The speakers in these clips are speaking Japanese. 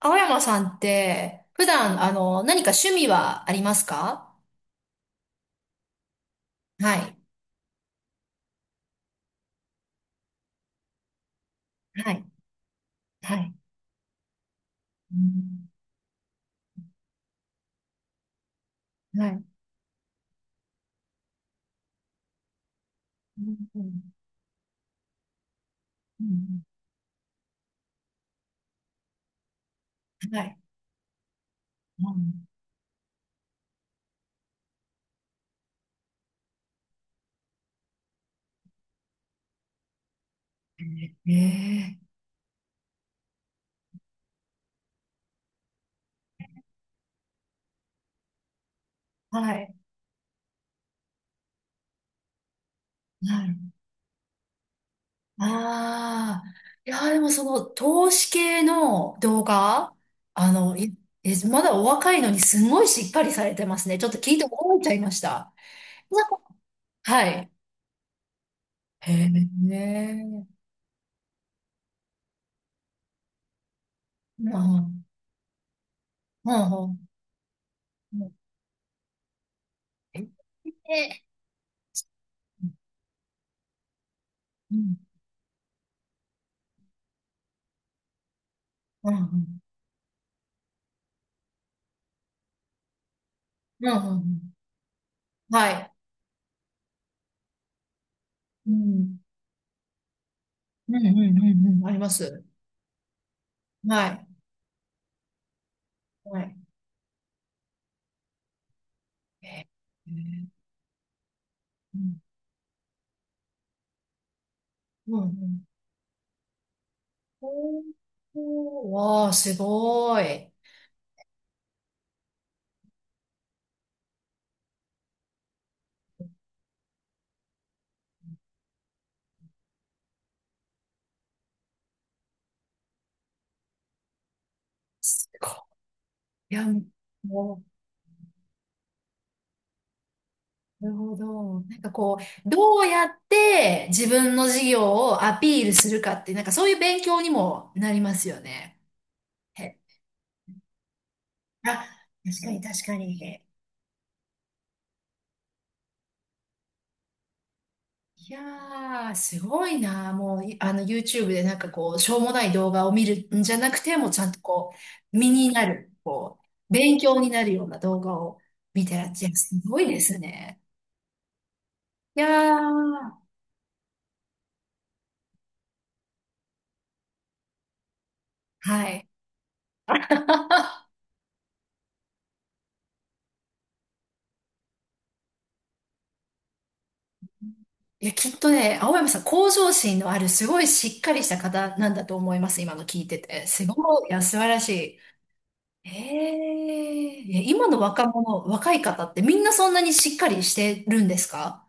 青山さんって、普段、何か趣味はありますか？はい。はい。はい。うん。はい。うん。うん。うん。はい。うん。ええ。はい。はい。ああ。いや、でもその、投資系の動画、いえ、まだお若いのにすごいしっかりされてますね。ちょっと聞いて驚いちゃいました。なんか、はい。へえ。ねえ。うん。うん。うん。ええ。うん。うん。うん。うん。うん。うん。はい。うん。うん。うん。うん。うん。あります。はい。はい。えー。うん。うん。うん。おー。おー、わあ、すごい。すごい。いや、もう、なるほど。なんかこう、どうやって自分の事業をアピールするかって、なんかそういう勉強にもなりますよね。へあ、確かに、確かに。いやー、すごいな。もう、いあの、YouTube でなんかこう、しょうもない動画を見るんじゃなくて、もうちゃんとこう、身になる、こう、勉強になるような動画を見てらっしゃる。すごいですね。いやー、はい。いや、きっとね、青山さん、向上心のある、すごいしっかりした方なんだと思います。今の聞いてて。すごい、いや、素晴らしい。ええ、いや、今の若い方ってみんなそんなにしっかりしてるんですか？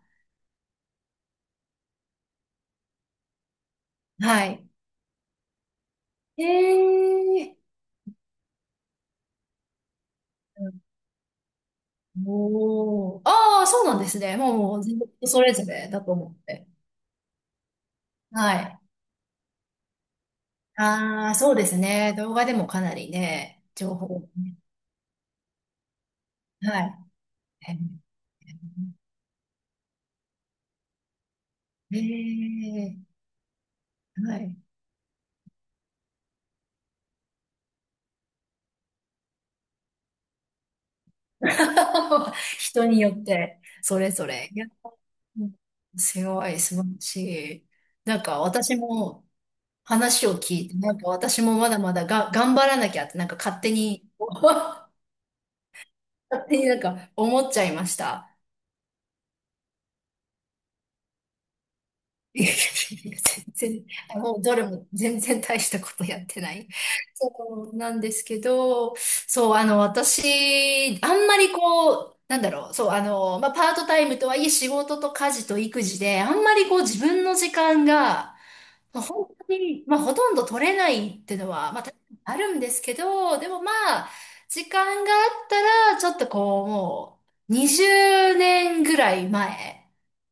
はい。へえ。おお。ああ、そうなんですね。もう全然人それぞれだと思って。はい。ああ、そうですね。動画でもかなりね、情報。はい。ええ。はい。人によって、それぞれ。いや。うん。すごい、素晴らしい。なんか私も話を聞いて、なんか私もまだまだが頑張らなきゃって、なんか勝手に、勝手になんか思っちゃいました。いやいやいや、全然、あ、もうどれも全然大したことやってない。そうなんですけど、そう、私、あんまりこう、なんだろう、そう、まあ、パートタイムとはいえ仕事と家事と育児で、あんまりこう自分の時間が、まあ、本当に、まあ、ほとんど取れないっていうのは、まあ、確かにあるんですけど、でもまあ、時間があったら、ちょっとこう、もう、20年ぐらい前。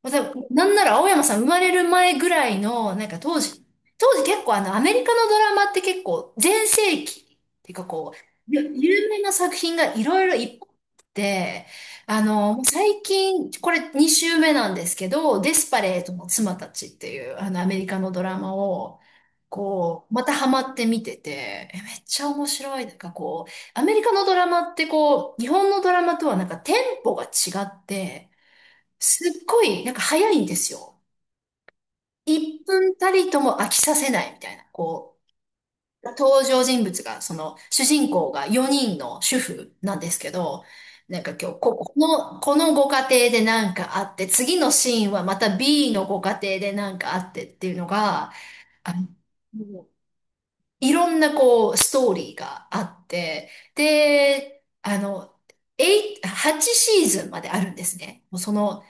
まあ、多分なんなら青山さん生まれる前ぐらいの、なんか当時結構、アメリカのドラマって結構、全盛期っていうかこう、有名な作品がいろいろいっぱいあって、最近、これ2週目なんですけど、デスパレートの妻たちっていう、アメリカのドラマを、こう、またハマって見てて、え、めっちゃ面白い。なんかこう、アメリカのドラマってこう、日本のドラマとはなんかテンポが違って、すっごい、なんか早いんですよ。1分たりとも飽きさせないみたいな、登場人物が、その、主人公が4人の主婦なんですけど、なんか今日、このご家庭でなんかあって、次のシーンはまた B のご家庭でなんかあってっていうのが、あの、もういろんなこう、ストーリーがあって、で、8、8シーズンまであるんですね。もうその、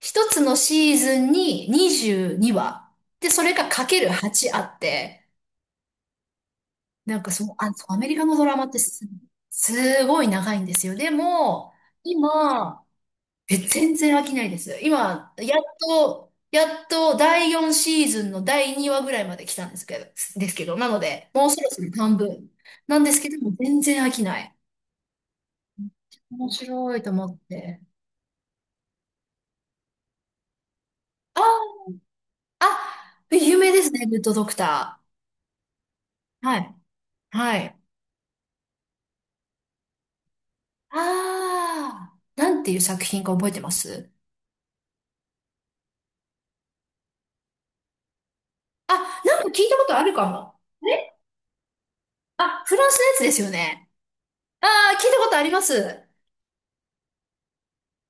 一つのシーズンに22話。で、それがかける8あって、なんかそのあ、そうアメリカのドラマって、すごい長いんですよ。でも、今、え、全然飽きないです。今、やっと第4シーズンの第2話ぐらいまで来たんですけど、なので、もうそろそろ半分なんですけども、全然飽きない。面白いと思って。あ、あ、有名ですね、グッドドクター。はい。はい。ああ、なんていう作品か覚えてます？あ、なんか聞いたことあるかも。あ、フランスのやつですよね。ああ、聞いたことあります。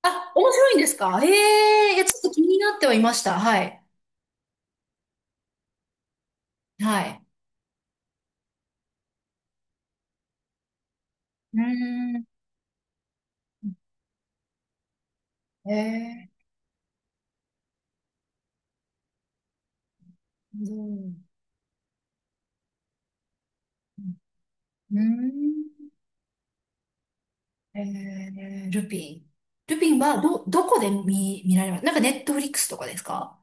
あ、面白いんですか？へえ、いや、ちょっと気になってはいました。はい。はい。うーん。ええ、うん。うーん。えルピン。ルピンは、どこで見られます？なんかネットフリックスとかですか？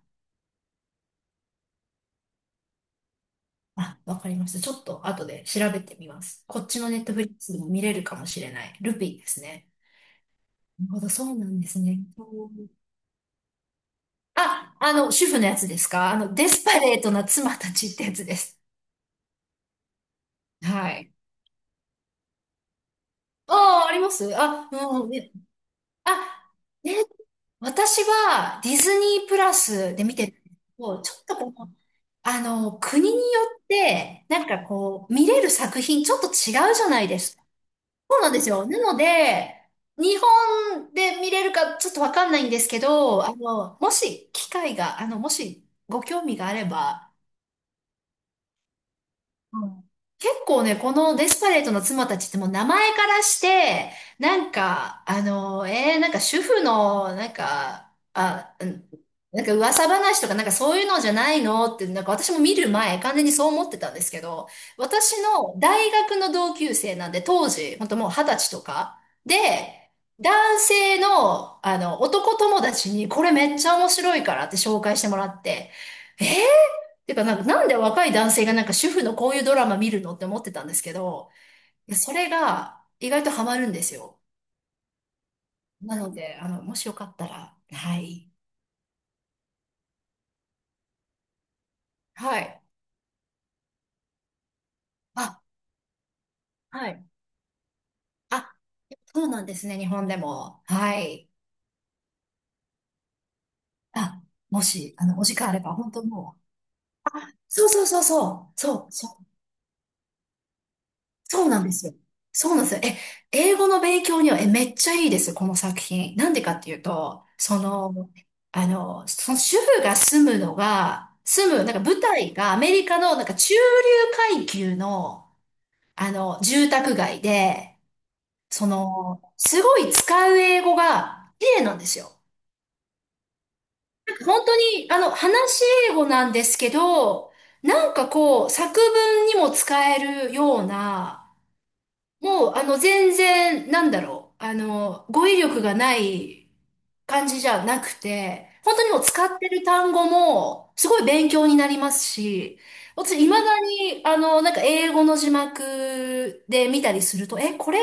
あ、わかりました。ちょっと後で調べてみます。こっちのネットフリックスでも見れるかもしれない。ルピンですね。なるほど、そうなんですね。あ、主婦のやつですか？デスパレートな妻たちってやつです。はい。ああ、あります。あ、うん、ね、あ、ね、私はディズニープラスで見てたんですけど、ちょっとこの、国によって、なんかこう、見れる作品ちょっと違うじゃないですか。そうなんですよ。なので、日本で見れるかちょっとわかんないんですけど、もし機会が、もしご興味があれば、うん。結構ね、このデスパレートの妻たちってもう名前からして、なんか、なんか主婦の、なんか、あ、うん、なんか噂話とかなんかそういうのじゃないのって、なんか私も見る前、完全にそう思ってたんですけど、私の大学の同級生なんで、当時、本当もう二十歳とか、で、男性の、男友達に、これめっちゃ面白いからって紹介してもらって、えーてか、なんか、なんで若い男性がなんか主婦のこういうドラマ見るのって思ってたんですけど、いや、それが意外とハマるんですよ。なので、もしよかったら、はい。はい。あ、はい。あ、そうなんですね、日本でも。はい。あ、もし、お時間あれば、本当もう。そうそうそうそう。そう。そうなんですよ。そうなんですよ。え、英語の勉強には、え、めっちゃいいです、この作品。なんでかっていうと、その、その主婦が住む、なんか舞台がアメリカのなんか中流階級の、住宅街で、その、すごい使う英語が綺麗なんですよ。本当に、話し英語なんですけど、なんかこう、作文にも使えるような、もう、全然、なんだろう。語彙力がない感じじゃなくて、本当にもう使ってる単語も、すごい勉強になりますし、私、未だに、なんか英語の字幕で見たりすると、え、これ、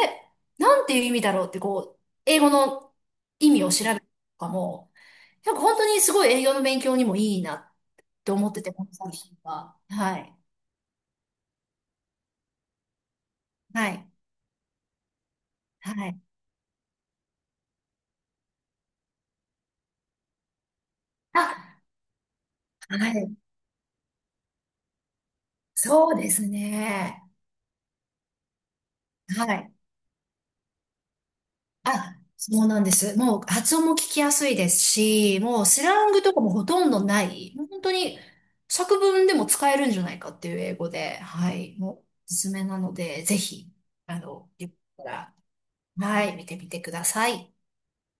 なんていう意味だろうって、こう、英語の意味を調べるとかも、なんか本当にすごい英語の勉強にもいいなって思ってて、この作品は。はい。はい。はい。あ、はい。そうですね。はい。あ、そうなんです。もう発音も聞きやすいですし、もうスラングとかもほとんどない、もう本当に作文でも使えるんじゃないかっていう英語で、はい、もうおすすめなので、ぜひ、よかったら、はい、見てみてください。